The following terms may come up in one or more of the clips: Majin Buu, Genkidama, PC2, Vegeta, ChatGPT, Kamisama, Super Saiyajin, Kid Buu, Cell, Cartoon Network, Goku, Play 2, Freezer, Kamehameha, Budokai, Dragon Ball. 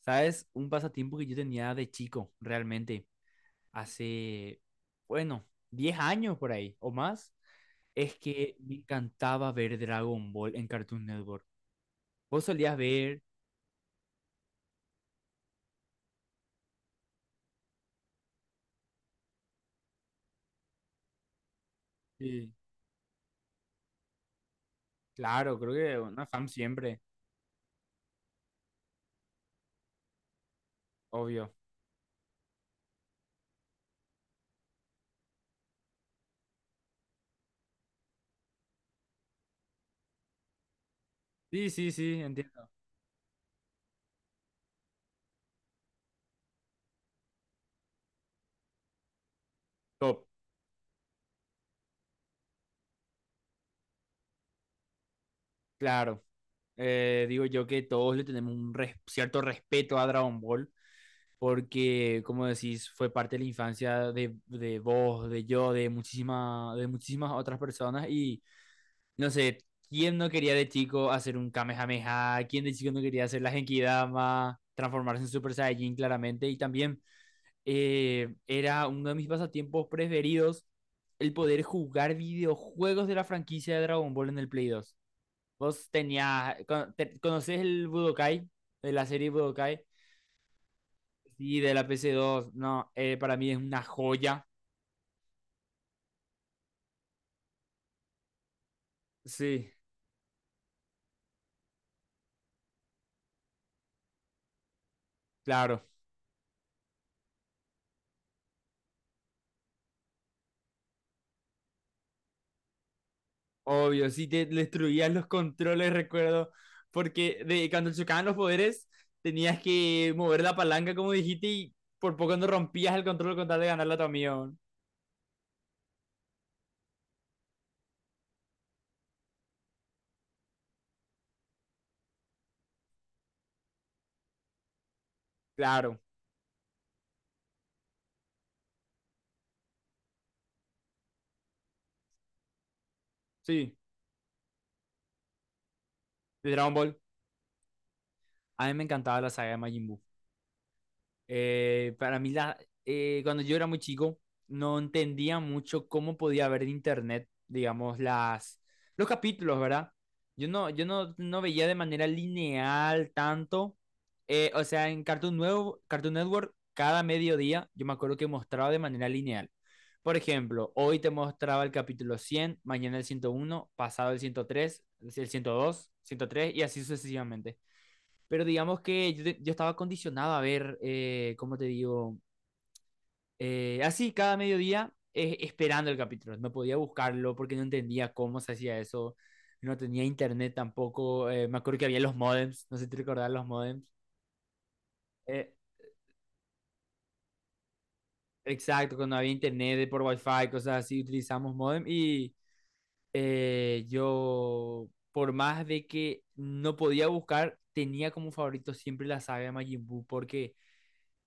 ¿Sabes? Un pasatiempo que yo tenía de chico, realmente, hace, bueno, 10 años por ahí o más, es que me encantaba ver Dragon Ball en Cartoon Network. ¿Vos solías ver? Sí, claro, creo que una fan siempre, obvio. Sí, sí, sí, entiendo. Top. Claro. Digo yo que todos le tenemos un cierto respeto a Dragon Ball. Porque, como decís, fue parte de la infancia de vos, de yo, de muchísimas otras personas y, no sé, ¿quién no quería de chico hacer un Kamehameha? ¿Quién de chico no quería hacer la Genkidama? Transformarse en Super Saiyajin claramente y también era uno de mis pasatiempos preferidos, el poder jugar videojuegos de la franquicia de Dragon Ball en el Play 2. Vos tenías, ¿conoces el Budokai? De la serie Budokai. Sí, de la PC2. No, para mí es una joya. Sí, claro. Obvio, sí te destruías los controles, recuerdo. Porque cuando chocaban los poderes, tenías que mover la palanca, como dijiste, y por poco no rompías el control con tal de ganarle a tu amigo. Claro, sí. De Dragon Ball. A mí me encantaba la saga de Majin Buu. Para mí, cuando yo era muy chico, no entendía mucho cómo podía ver en internet, digamos, los capítulos, ¿verdad? Yo no veía de manera lineal tanto. O sea, en Cartoon Network, cada mediodía, yo me acuerdo que mostraba de manera lineal. Por ejemplo, hoy te mostraba el capítulo 100, mañana el 101, pasado el 103, el 102, 103, y así sucesivamente. Pero digamos que yo estaba condicionado a ver, ¿cómo te digo? Así cada mediodía, esperando el capítulo. No podía buscarlo porque no entendía cómo se hacía eso. No tenía internet tampoco. Me acuerdo que había los modems. No sé si te recordás los modems. Eh, exacto, cuando había internet de por wifi, cosas así, utilizamos modem. Y yo, por más de que no podía buscar, tenía como favorito siempre la saga de Majin Buu porque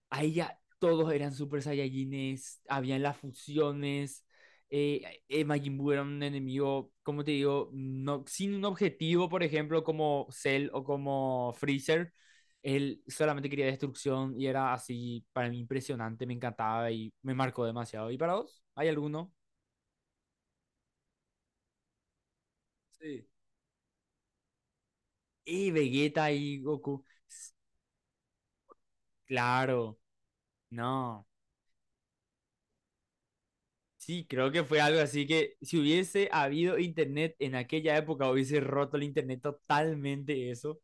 ahí ya todos eran Super Saiyajines, habían las fusiones, Majin Buu era un enemigo, como te digo, no, sin un objetivo, por ejemplo, como Cell o como Freezer. Él solamente quería destrucción y era así, para mí impresionante, me encantaba y me marcó demasiado. ¿Y para vos? ¿Hay alguno? Sí. Y Vegeta y Goku. Claro, no. Sí, creo que fue algo así que si hubiese habido internet en aquella época, hubiese roto el internet totalmente eso.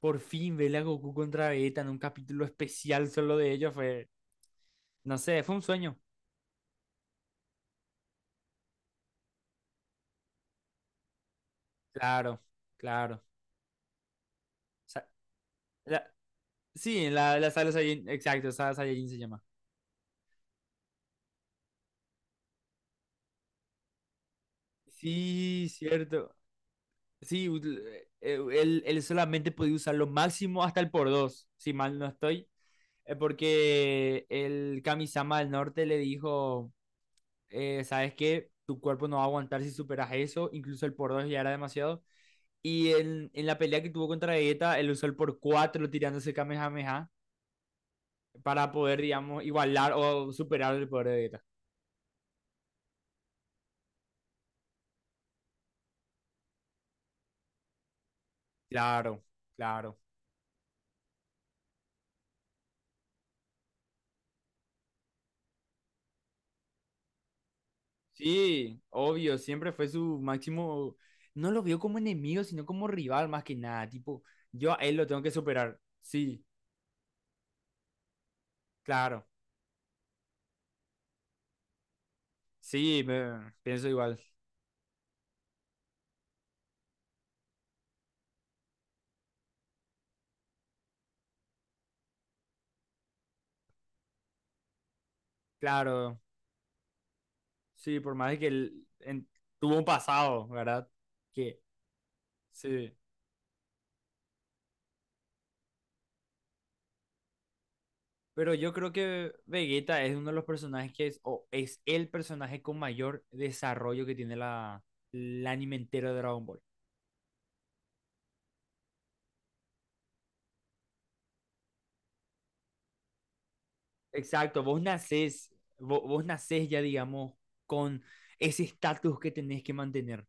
Por fin verle a Goku contra Vegeta en un capítulo especial solo de ellos fue, no sé, fue un sueño. Claro, claro. O sea, la- sí, en la sala Saiyajin, exacto, sala Saiyajin se llama. Sí, cierto. Sí, él solamente podía usar lo máximo hasta el por dos, si mal no estoy. Porque el Kamisama del Norte le dijo. Sabes que tu cuerpo no va a aguantar si superas eso, incluso el por 2 ya era demasiado. Y en la pelea que tuvo contra Vegeta, él usó el por 4 tirándose Kamehameha para poder, digamos, igualar o superar el poder de Vegeta. Claro, claro. Sí, obvio, siempre fue su máximo. No lo vio como enemigo, sino como rival más que nada. Tipo, yo a él lo tengo que superar. Sí, claro. Sí, pienso igual. Claro. Sí, por más de que él tuvo un pasado, ¿verdad? Que sí. Pero yo creo que Vegeta es uno de los personajes que es, o es el personaje con mayor desarrollo que tiene el anime entero de Dragon Ball. Exacto, vos, nacés ya, digamos, con ese estatus que tenés que mantener.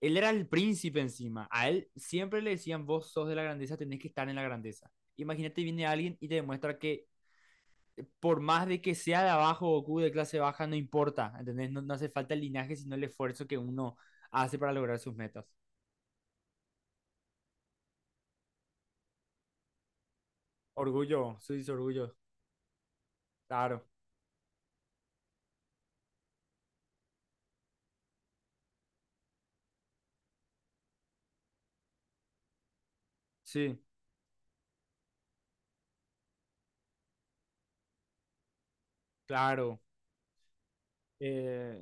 Él era el príncipe encima. A él siempre le decían, vos sos de la grandeza, tenés que estar en la grandeza. Imagínate, viene alguien y te demuestra que por más de que sea de abajo o Goku de clase baja, no importa, ¿entendés? No, no hace falta el linaje, sino el esfuerzo que uno hace para lograr sus metas. Orgullo, sí, sí, orgullo, claro, sí, claro. Eh,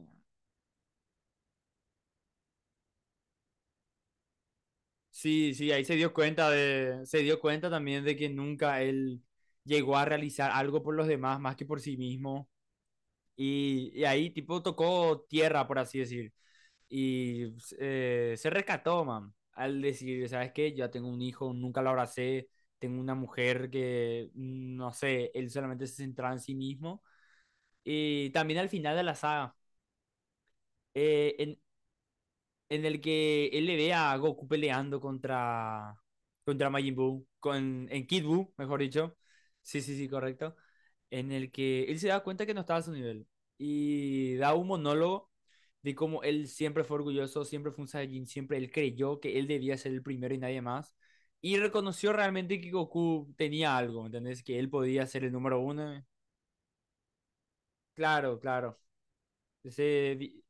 sí, sí, ahí se dio cuenta también de que nunca él llegó a realizar algo por los demás más que por sí mismo. Y ahí tipo tocó tierra, por así decir. Y pues, se rescató, man, al decir, ¿sabes qué? Yo ya tengo un hijo, nunca lo abracé, tengo una mujer que, no sé, él solamente se centraba en sí mismo. Y también al final de la saga, eh, en, en, el que él le ve a Goku peleando contra Majin Buu, en Kid Buu, mejor dicho. Sí, sí, sí, correcto. En el que él se da cuenta que no estaba a su nivel y da un monólogo de cómo él siempre fue orgulloso, siempre fue un Saiyajin, siempre él creyó que él debía ser el primero y nadie más. Y reconoció realmente que Goku tenía algo, ¿me ¿entendés? Que él podía ser el número uno. Claro, claro. Ese di-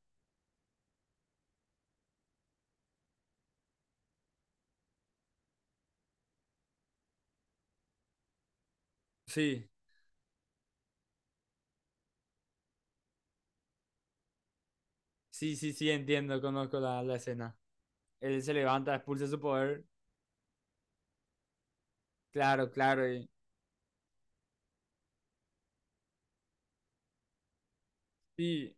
sí, sí, sí, sí, entiendo, conozco la escena. Él se levanta, expulsa su poder. Claro, claro. Y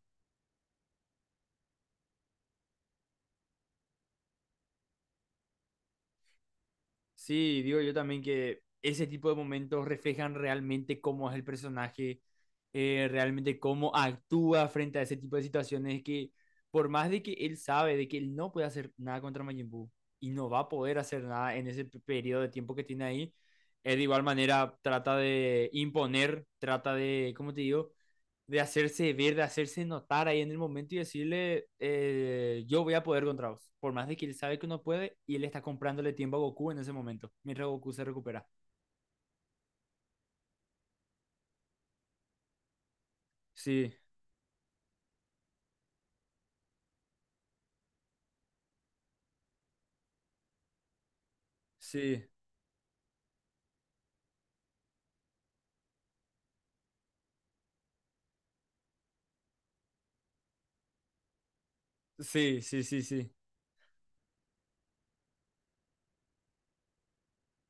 sí, digo yo también que ese tipo de momentos reflejan realmente cómo es el personaje, realmente cómo actúa frente a ese tipo de situaciones, que por más de que él sabe de que él no puede hacer nada contra Majin Buu y no va a poder hacer nada en ese periodo de tiempo que tiene ahí, él de igual manera trata de imponer, trata de, ¿cómo te digo? De hacerse ver, de hacerse notar ahí en el momento y decirle, yo voy a poder contra vos. Por más de que él sabe que no puede, y él está comprándole tiempo a Goku en ese momento, mientras Goku se recupera. Sí, sí, sí, sí, sí, sí.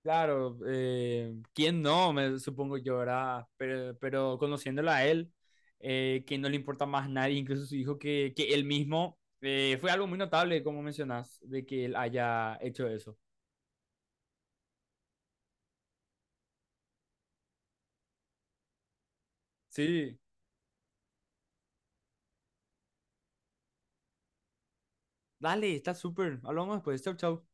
Claro, ¿quién no? Me supongo yo, ¿verdad? Pero conociéndolo a él, que no le importa más nadie, incluso su hijo, que él mismo, fue algo muy notable, como mencionas, de que él haya hecho eso. Sí, dale, está súper. Hablamos después. Chau, chau.